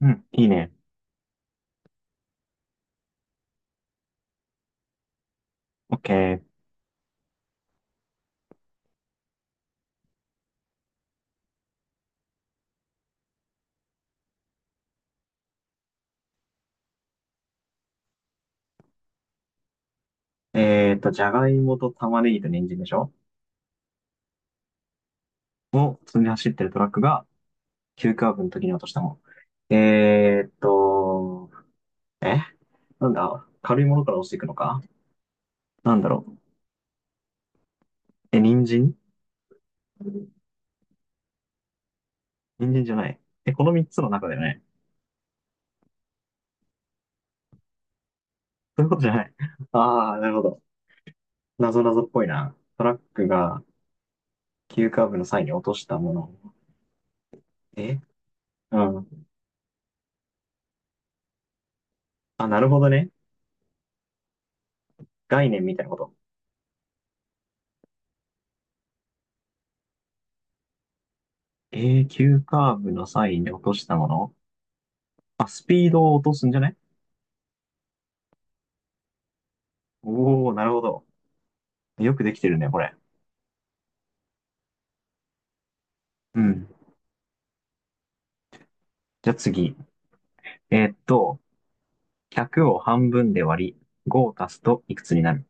うん、いいね。オッケー。じゃがいもと玉ねぎと人参でしょを積んで走ってるトラックが、急カーブの時に落としたもの。えなんだ軽いものから落ちていくのか、なんだろう。人参。人参じゃない。え、この三つの中だよね。そういうことじゃない。ああ、なるほど。なぞなぞっぽいな。トラックが急カーブの際に落としたもの。えうん。あ、なるほどね。概念みたいなこと。急カーブの際に落としたもの。あ、スピードを落とすんじゃね。おー、なるほど。よくできてるね、これ。うん。じゃあ次。えーっと、100を半分で割り、5を足すといくつになる？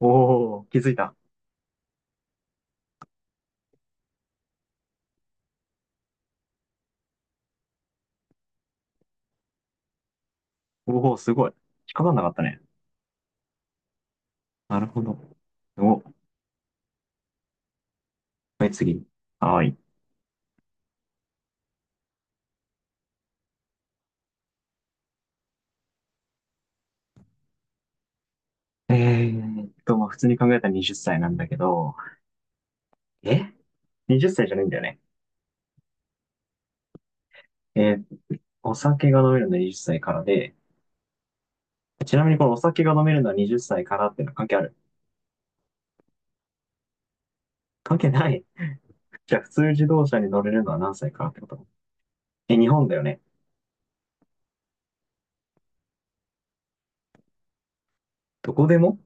おー、気づいた。おー、すごい。引っかかんなかったね。なるほど。お、はい、次。はーい。まあ、普通に考えたら20歳なんだけど、え ?20 歳じゃないんだよね。えーお酒が飲めるのは20歳からで、ちなみにこのお酒が飲めるのは20歳からっていうのは関係ある？関係ない。じゃあ、普通自動車に乗れるのは何歳からってこと？え、日本だよね。どこでも？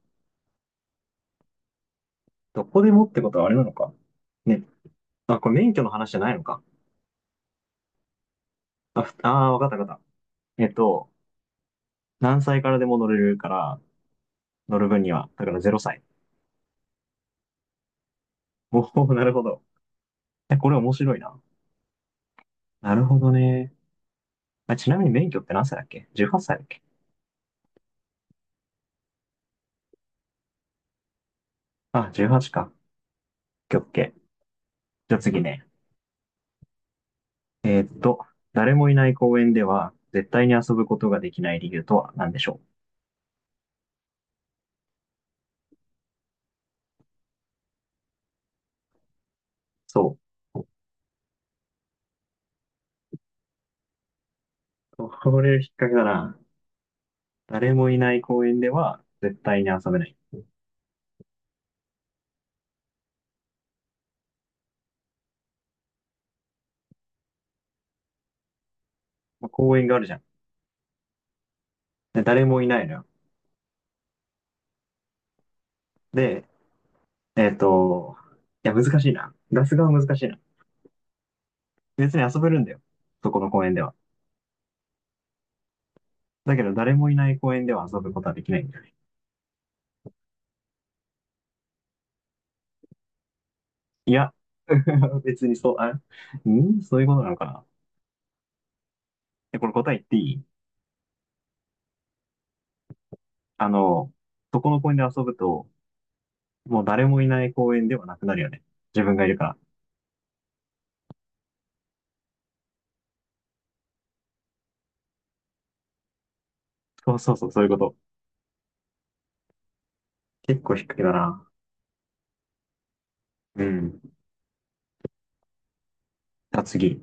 どこでもってことはあれなのか。ね。あ、これ免許の話じゃないのか。あ、ふあー、わかったわかった。何歳からでも乗れるから、乗る分には、だから0歳。おお、なるほど。え、これ面白いな。なるほどね。あ、ちなみに免許って何歳だっけ？ 18 歳だっけ？あ、18か。オッケー。じゃあ次ね。えーっと、誰もいない公園では、絶対に遊ぶことができない理由とは何でしょう？そう、これ引っ掛けだな。誰もいない公園では絶対に遊べない。まあ、公園があるじゃん。で、誰もいないのよ。で、えっと、いや、難しいな。出す側は難しいな。別に遊べるんだよ。そこの公園では。だけど、誰もいない公園では遊ぶことはできないんだよね。いや、別にそう、あ、そういうことなのかな。え、これ答え言っていい？あの、そこの公園で遊ぶと、もう誰もいない公園ではなくなるよね。自分がいるから。そうそうそう、そういうこと。結構低いだな。うん。じゃあ次。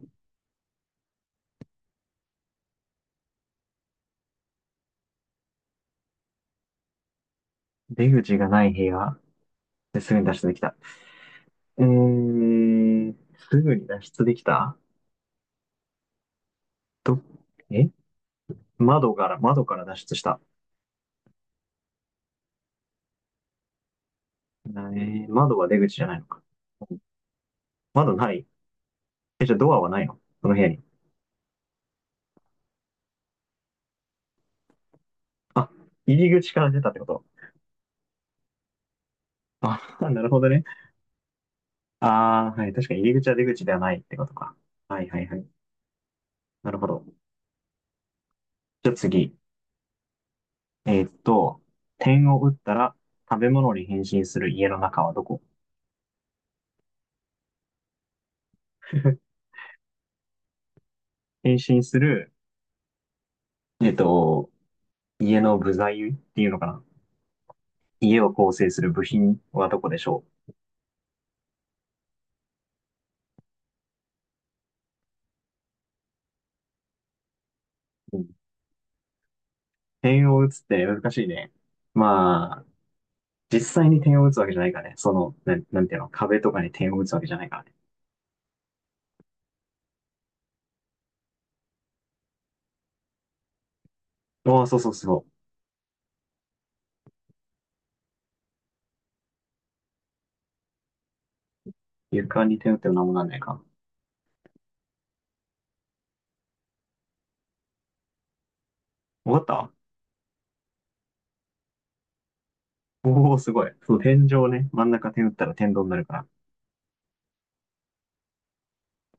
出口がない部屋。で、すぐに脱出できた。えー、すぐに脱出できた。ど、え窓から脱出した。窓は出口じゃないのか。窓ない？え、じゃあドアはないのその部屋に。あ、入り口から出たってこと？あ、なるほどね。ああ、はい。確かに入り口は出口ではないってことか。はいはいはい。なるほど。じゃあ次。えーっと、点を打ったら食べ物に変身する家の中はどこ？ 変身する、えっと、家の部材っていうのかな？家を構成する部品はどこでしょ？ううん。点を打つって難しいね。まあ、実際に点を打つわけじゃないからね。その、なんていうの、壁とかに点を打つわけじゃないからね。おお、そうそうそう。床に点打っても何もなんないか。わかった？おおー、すごい。そう、天井ね。真ん中点打ったら天井になるから。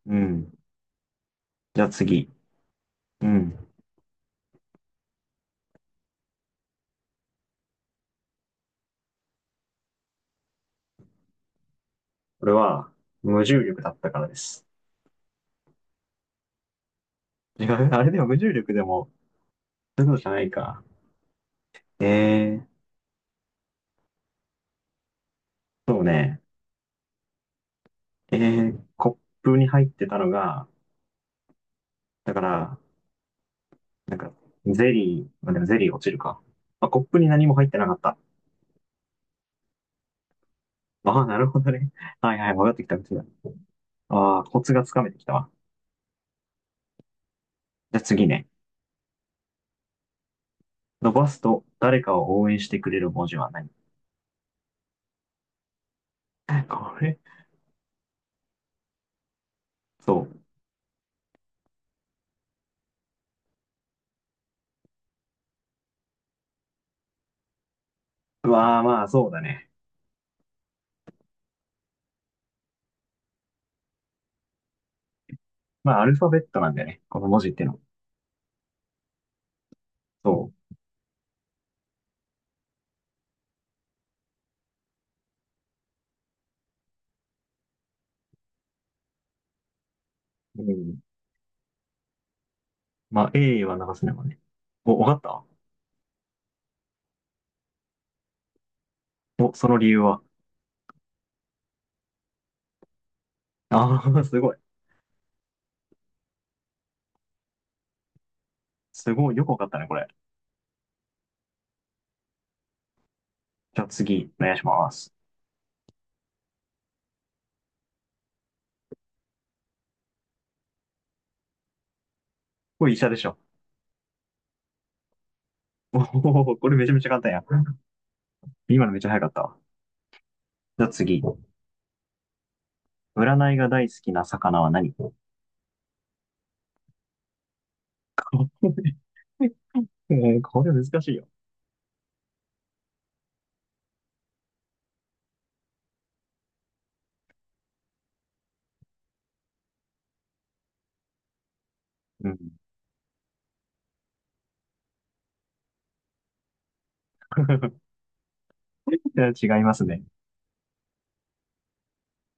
うん。じゃあ次。うん。これは、無重力だったからです。違う、あれでも無重力でも、そういうのじゃないか。えー、そうね。えコップに入ってたのが、だから、なんか、ゼリー、まあ、でもゼリー落ちるか。まあ、コップに何も入ってなかった。ああ、なるほどね。はいはい、分かってきた、こちら。ああ、コツがつかめてきたわ。じゃあ次ね。伸ばすと、誰かを応援してくれる文字は何？ これ、そう。うわあ、まあ、そうだね。まあ、アルファベットなんだよね。この文字ってのは。そう。うん。まあ、A は流すねもんね。お、分かった。お、その理由は。ああ、すごい。すごい。よく分かったね、これ。じゃあ次、お願いします。これ医者でしょ。おお、これめちゃめちゃ簡単や。今のめっちゃ早かったわ。じゃあ次。占いが大好きな魚は何？ これ、これ難しいよ。うん。いや、違いますね。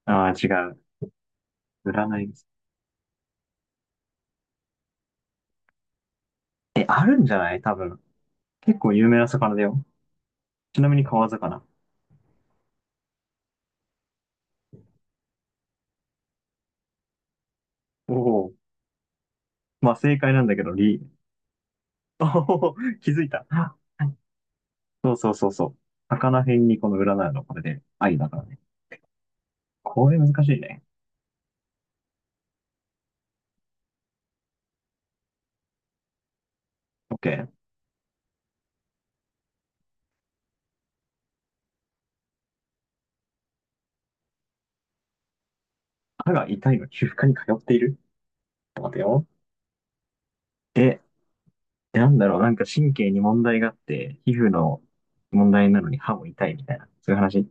ああ、違う。占いです。え、あるんじゃない多分。結構有名な魚だよ。ちなみに川魚。おお。まあ正解なんだけど、リ。おお、気づいた。そうそうそうそう。魚編にこの占いのこれで愛だからね。これ難しいね。オッケー。歯が痛いのに皮膚科に通っている、ちょっと待ってよ。え、なんだろう、なんか神経に問題があって、皮膚の問題なのに歯も痛いみたいな、そうい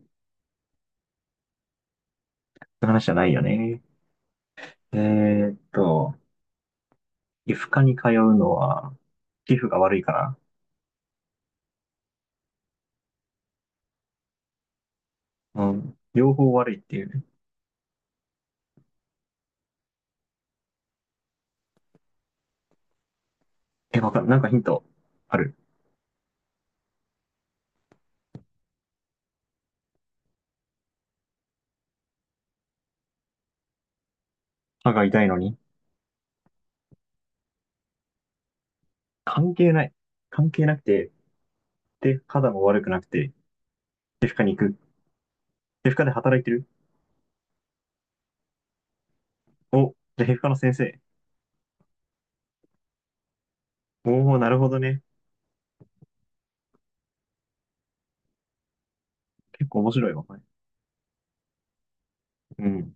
う話じゃないよね。えーっと、皮膚科に通うのは、皮膚が悪いから、うん、両方悪いっていうね。え、わかん、なんかヒントある？歯が痛いのに。関係ない。関係なくて、で、肌も悪くなくて、皮膚科に行く。皮膚科で働いてる。お、じゃあ皮膚科の先生。おお、なるほどね。結構面白いわ、これ。うん。